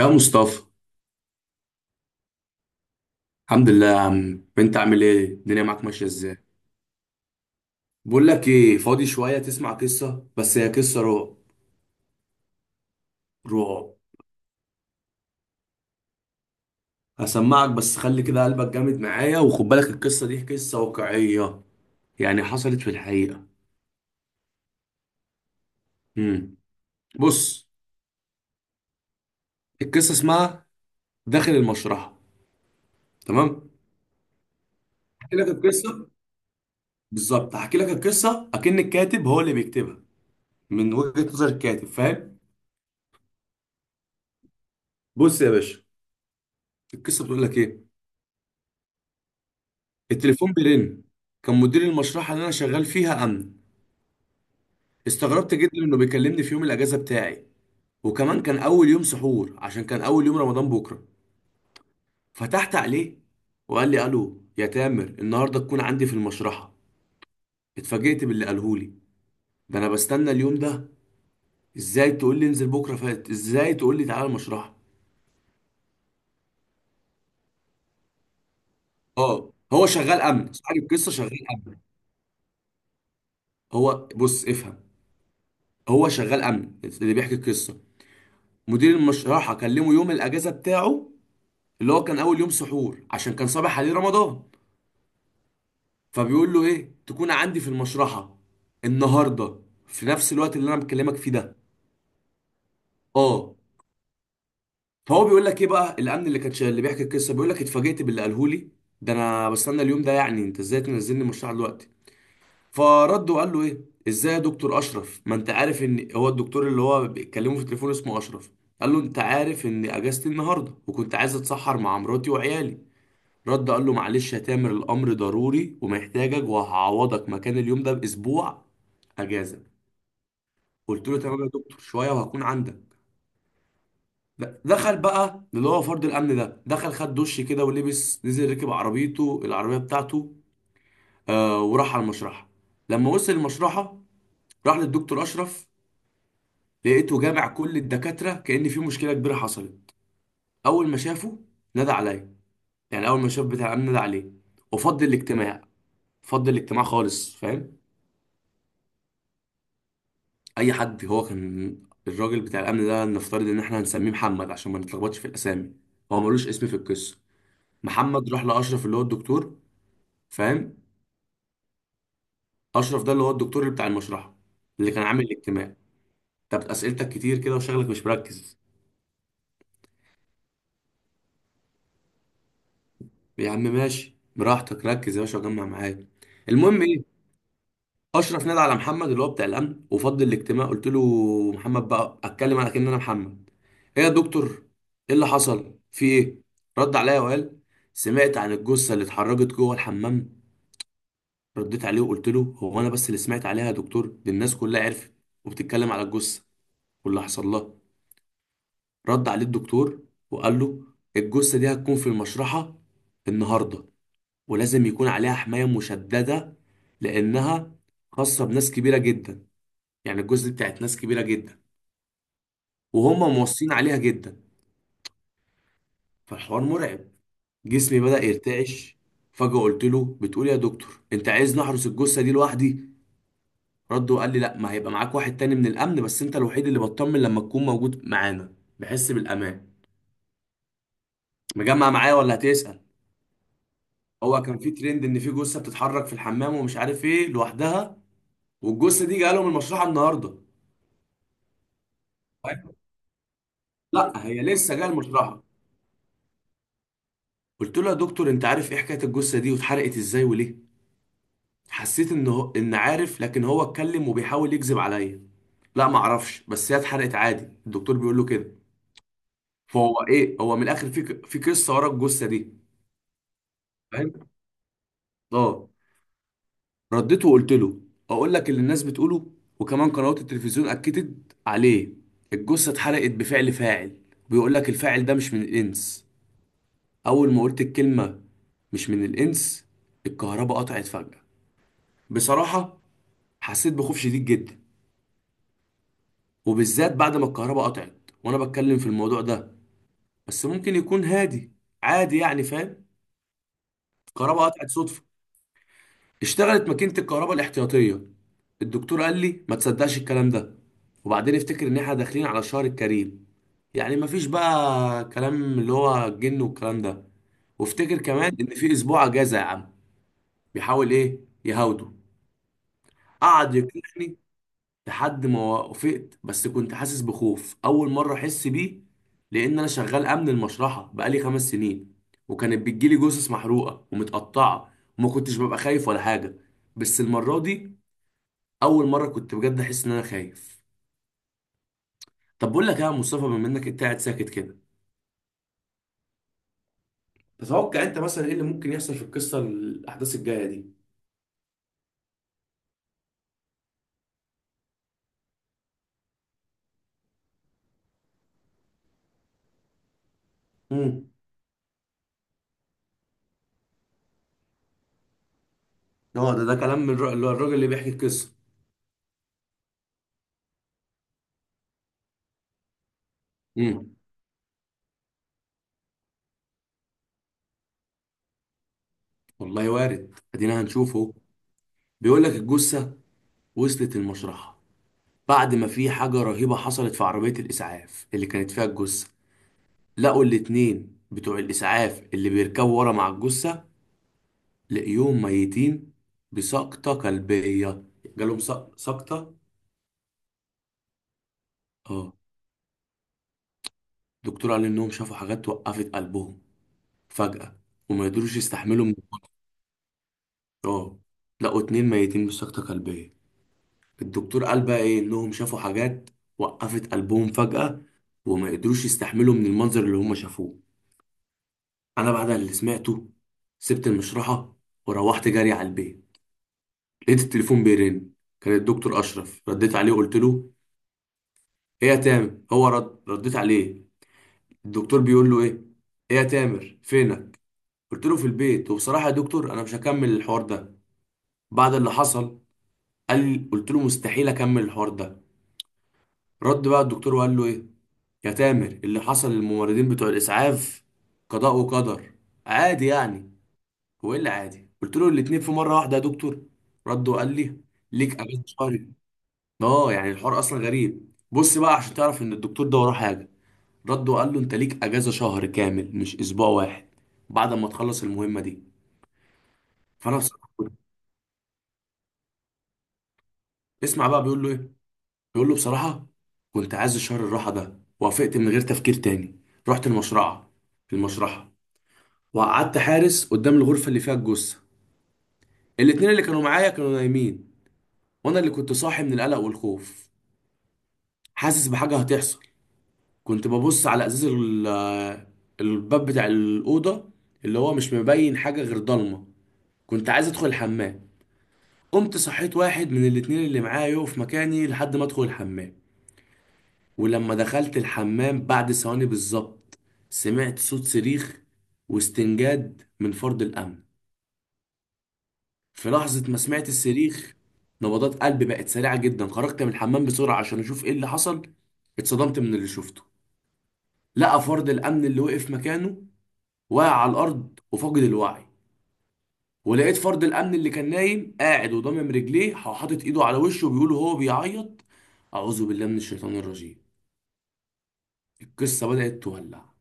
يا مصطفى، الحمد لله يا عم. انت عامل ايه؟ الدنيا معاك ماشيه ازاي؟ بقول لك ايه، فاضي شويه تسمع قصه؟ بس هي قصه رعب. رعب. هسمعك بس خلي كده قلبك جامد معايا، وخد بالك القصه دي قصه واقعيه، يعني حصلت في الحقيقه. امم بص. القصه اسمها داخل المشرحه. تمام. احكي لك القصه بالظبط، هحكي لك القصه اكن الكاتب هو اللي بيكتبها، من وجهه نظر الكاتب. فاهم؟ بص يا باشا، القصه بتقول لك ايه. التليفون بيرن. كان مدير المشرحة اللي أنا شغال فيها أمن. استغربت جدا إنه بيكلمني في يوم الأجازة بتاعي، وكمان كان أول يوم سحور عشان كان أول يوم رمضان بكرة. فتحت عليه، وقال لي: ألو يا تامر، النهاردة تكون عندي في المشرحة. اتفاجئت باللي قالهولي. ده أنا بستنى اليوم ده! إزاي تقول لي انزل بكرة فات؟ إزاي تقول لي تعالى المشرحة؟ آه، هو شغال أمن، صاحب القصة شغال أمن. هو بص، افهم. هو شغال أمن اللي بيحكي القصة. مدير المشرحة كلمه يوم الأجازة بتاعه، اللي هو كان اول يوم سحور عشان كان صباح عليه رمضان. فبيقول له ايه، تكون عندي في المشرحه النهارده، في نفس الوقت اللي انا بكلمك فيه ده. اه. فهو بيقول لك ايه بقى، الامن اللي كان اللي بيحكي القصه بيقول لك: اتفاجئت باللي قاله لي، ده انا بستنى اليوم ده، يعني انت ازاي تنزلني المشرحه دلوقتي؟ فرد وقال له ايه، ازاي يا دكتور اشرف؟ ما انت عارف ان، هو الدكتور اللي هو بيتكلمه في التليفون اسمه اشرف. قال له: انت عارف ان اجازتي النهارده، وكنت عايز اتسحر مع مراتي وعيالي. رد قال له: معلش يا تامر الامر ضروري ومحتاجك، وهعوضك مكان اليوم ده باسبوع اجازه. قلت له: تمام يا دكتور، شويه وهكون عندك. دخل بقى، اللي هو فرد الامن ده دخل خد دش كده ولبس، نزل ركب عربيته، العربيه بتاعته، آه، وراح على المشرحه. لما وصل المشرحه راح للدكتور اشرف، لقيته جامع كل الدكاتره كأن في مشكله كبيره حصلت. اول ما شافه نادى عليا، يعني اول ما شاف بتاع الامن نادى عليه، وفضل الاجتماع. فضل الاجتماع خالص. فاهم؟ اي حد، هو كان، الراجل بتاع الامن ده نفترض ان احنا هنسميه محمد عشان ما نتلخبطش في الاسامي، هو ملوش اسم في القصه. محمد راح لاشرف اللي هو الدكتور. فاهم؟ اشرف ده اللي هو الدكتور اللي بتاع المشرحه، اللي كان عامل الاجتماع. طب اسئلتك كتير كده وشغلك مش مركز. يا عم ماشي براحتك، ركز يا باشا وجمع معايا. المهم ايه، اشرف نادى على محمد اللي هو بتاع الامن، وفضل الاجتماع، قلت له محمد بقى، اتكلم على كأن انا محمد: ايه يا دكتور؟ ايه اللي حصل؟ في ايه؟ رد عليا وقال: سمعت عن الجثه اللي اتحرجت جوه الحمام؟ رديت عليه وقلت له: هو انا بس اللي سمعت عليها يا دكتور؟ دي الناس كلها عرفت وبتتكلم على الجثه واللي حصل لها. رد عليه الدكتور وقال له: الجثه دي هتكون في المشرحه النهارده، ولازم يكون عليها حمايه مشدده، لانها خاصه بناس كبيره جدا، يعني الجثه دي بتاعت ناس كبيره جدا، وهم موصين عليها جدا. فالحوار مرعب، جسمي بدأ يرتعش. فجأة قلت له: بتقول يا دكتور انت عايز نحرس الجثة دي لوحدي؟ رد وقال لي: لا، ما هيبقى معاك واحد تاني من الأمن، بس انت الوحيد اللي بطمن لما تكون موجود معانا، بحس بالأمان. مجمع معايا ولا هتسأل؟ هو كان في ترند ان في جثة بتتحرك في الحمام ومش عارف ايه لوحدها، والجثة دي جالهم المشرحة النهاردة. لا، هي لسه جايه المشرحة. قلت له: يا دكتور، انت عارف ايه حكاية الجثة دي واتحرقت ازاي وليه؟ حسيت ان هو ان عارف، لكن هو اتكلم وبيحاول يكذب عليا: لا ما اعرفش، بس هي اتحرقت عادي. الدكتور بيقول له كده. فهو ايه، هو من الاخر في في قصه ورا الجثه دي. فاهم؟ اه. رديت وقلت له: اقول لك اللي الناس بتقوله، وكمان قنوات التلفزيون اكدت عليه، الجثه اتحرقت بفعل فاعل. بيقول لك الفاعل ده مش من الانس. اول ما قلت الكلمه مش من الانس، الكهرباء قطعت فجاه. بصراحه حسيت بخوف شديد جدا، وبالذات بعد ما الكهرباء قطعت وانا بتكلم في الموضوع ده. بس ممكن يكون هادي عادي يعني. فاهم؟ الكهرباء قطعت صدفة، اشتغلت ماكينة الكهرباء الاحتياطية. الدكتور قال لي: ما تصدقش الكلام ده، وبعدين افتكر ان احنا داخلين على الشهر الكريم، يعني مفيش بقى كلام اللي هو الجن والكلام ده. وافتكر كمان ان في اسبوع اجازة يا عم. بيحاول ايه، يهاوده. قعد يقنعني لحد ما وافقت، بس كنت حاسس بخوف اول مره احس بيه، لان انا شغال امن المشرحه بقالي 5 سنين، وكانت بتجيلي جثث محروقه ومتقطعه، وما كنتش ببقى خايف ولا حاجه. بس المره دي اول مره كنت بجد احس ان انا خايف. طب بقول لك إيه يا مصطفى، بما انك انت قاعد ساكت كده، تتوقع انت مثلا ايه اللي ممكن يحصل في القصه، الاحداث الجايه دي؟ امم اه، ده كلام من اللي هو الراجل اللي بيحكي القصه. امم والله وارد، ادينا هنشوفه. بيقول لك الجثه وصلت المشرحه بعد ما في حاجة رهيبة حصلت في عربية الإسعاف اللي كانت فيها الجثة. لقوا الاتنين بتوع الإسعاف اللي بيركبوا ورا مع الجثة، لقيوهم ميتين بسقطة قلبية. جالهم سقطة. اه. دكتور قال إنهم شافوا حاجات وقفت قلبهم فجأة، وما يقدروش يستحملوا من، اه. لقوا اتنين ميتين بسقطة قلبية. الدكتور قال بقى إيه، إنهم شافوا حاجات وقفت قلبهم فجأة، وما يقدروش يستحملوا من المنظر اللي هم شافوه. انا بعد اللي سمعته سبت المشرحه، وروحت جري على البيت. لقيت التليفون بيرن، كان الدكتور اشرف. رديت عليه قلت له: ايه يا تامر؟ هو رد، رديت عليه، الدكتور بيقول له ايه: ايه يا تامر، فينك؟ قلت له: في البيت، وبصراحه يا دكتور انا مش هكمل الحوار ده بعد اللي حصل. قال لي، قلت له: مستحيل اكمل الحوار ده. رد بقى الدكتور وقال له ايه: يا تامر، اللي حصل للممرضين بتوع الاسعاف قضاء وقدر، عادي يعني. هو ايه اللي عادي؟ قلت له: الاتنين في مره واحده يا دكتور؟ رد وقال لي: ليك اجازه شهرين. اه، يعني الحوار اصلا غريب، بص بقى عشان تعرف ان الدكتور ده وراه حاجه. رد وقال له: انت ليك اجازه شهر كامل، مش اسبوع واحد، بعد ما تخلص المهمه دي. فانا بصراحه اسمع بقى بيقول له ايه، بيقول له: بصراحه كنت عايز الشهر الراحه ده، وافقت من غير تفكير تاني. رحت المشرعه. في المشرحه وقعدت حارس قدام الغرفه اللي فيها الجثه. الاتنين اللي كانوا معايا كانوا نايمين، وانا اللي كنت صاحي من القلق والخوف، حاسس بحاجة هتحصل. كنت ببص على ازاز الباب بتاع الأوضة، اللي هو مش مبين حاجة غير ضلمة. كنت عايز ادخل الحمام، قمت صحيت واحد من الاتنين اللي معايا يقف مكاني لحد ما ادخل الحمام. ولما دخلت الحمام بعد ثواني بالظبط، سمعت صوت صريخ واستنجاد من فرد الأمن. في لحظة ما سمعت الصريخ، نبضات قلبي بقت سريعة جدا، خرجت من الحمام بسرعة عشان أشوف إيه اللي حصل. اتصدمت من اللي شفته، لقى فرد الأمن اللي وقف مكانه واقع على الارض وفاقد الوعي، ولقيت فرد الامن اللي كان نايم قاعد وضامم رجليه وحاطط ايده على وشه، وبيقول وهو بيعيط: اعوذ بالله من الشيطان الرجيم. القصه بدات تولع.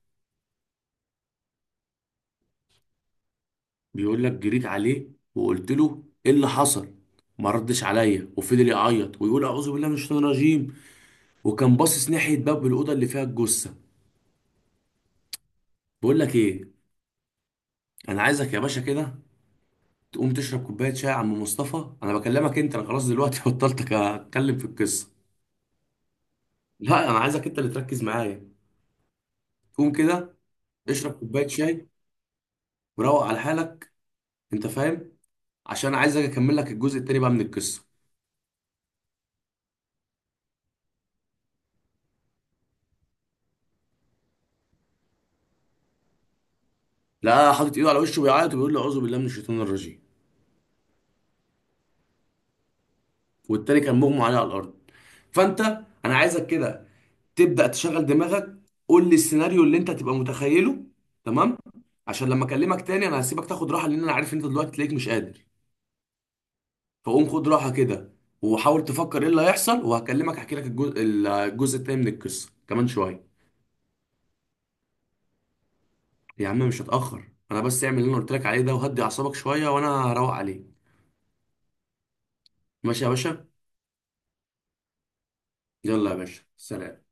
بيقول لك: جريت عليه وقلت له ايه اللي حصل، ما ردش عليا وفضل يعيط ويقول: اعوذ بالله من الشيطان الرجيم. وكان باصص ناحيه باب الاوضه اللي فيها الجثه. بقول لك ايه، انا عايزك يا باشا كده تقوم تشرب كوبايه شاي يا عم مصطفى، انا بكلمك انت، انا خلاص دلوقتي بطلت اتكلم في القصه. لا، انا عايزك انت اللي تركز معايا. قوم كده اشرب كوبايه شاي، وروق على حالك. انت فاهم؟ عشان عايز اجي اكمل لك الجزء التاني بقى من القصه. لا، حاطط ايده على وشه بيعيط وبيقول لي: اعوذ بالله من الشيطان الرجيم. والتاني كان مغمى عليه على الارض. فانت، انا عايزك كده تبدا تشغل دماغك، قول لي السيناريو اللي انت هتبقى متخيله. تمام؟ عشان لما اكلمك تاني انا هسيبك تاخد راحه، لان انا عارف انت دلوقتي تلاقيك مش قادر. فقوم خد راحه كده، وحاول تفكر ايه اللي هيحصل، وهكلمك احكي لك الجزء التاني من القصه كمان شويه. يا عم مش هتأخر، انا بس اعمل اللي انا قلت لك عليه ده، وهدي اعصابك شوية، وانا هروق عليك. ماشي يا باشا، يلا يا باشا، سلام.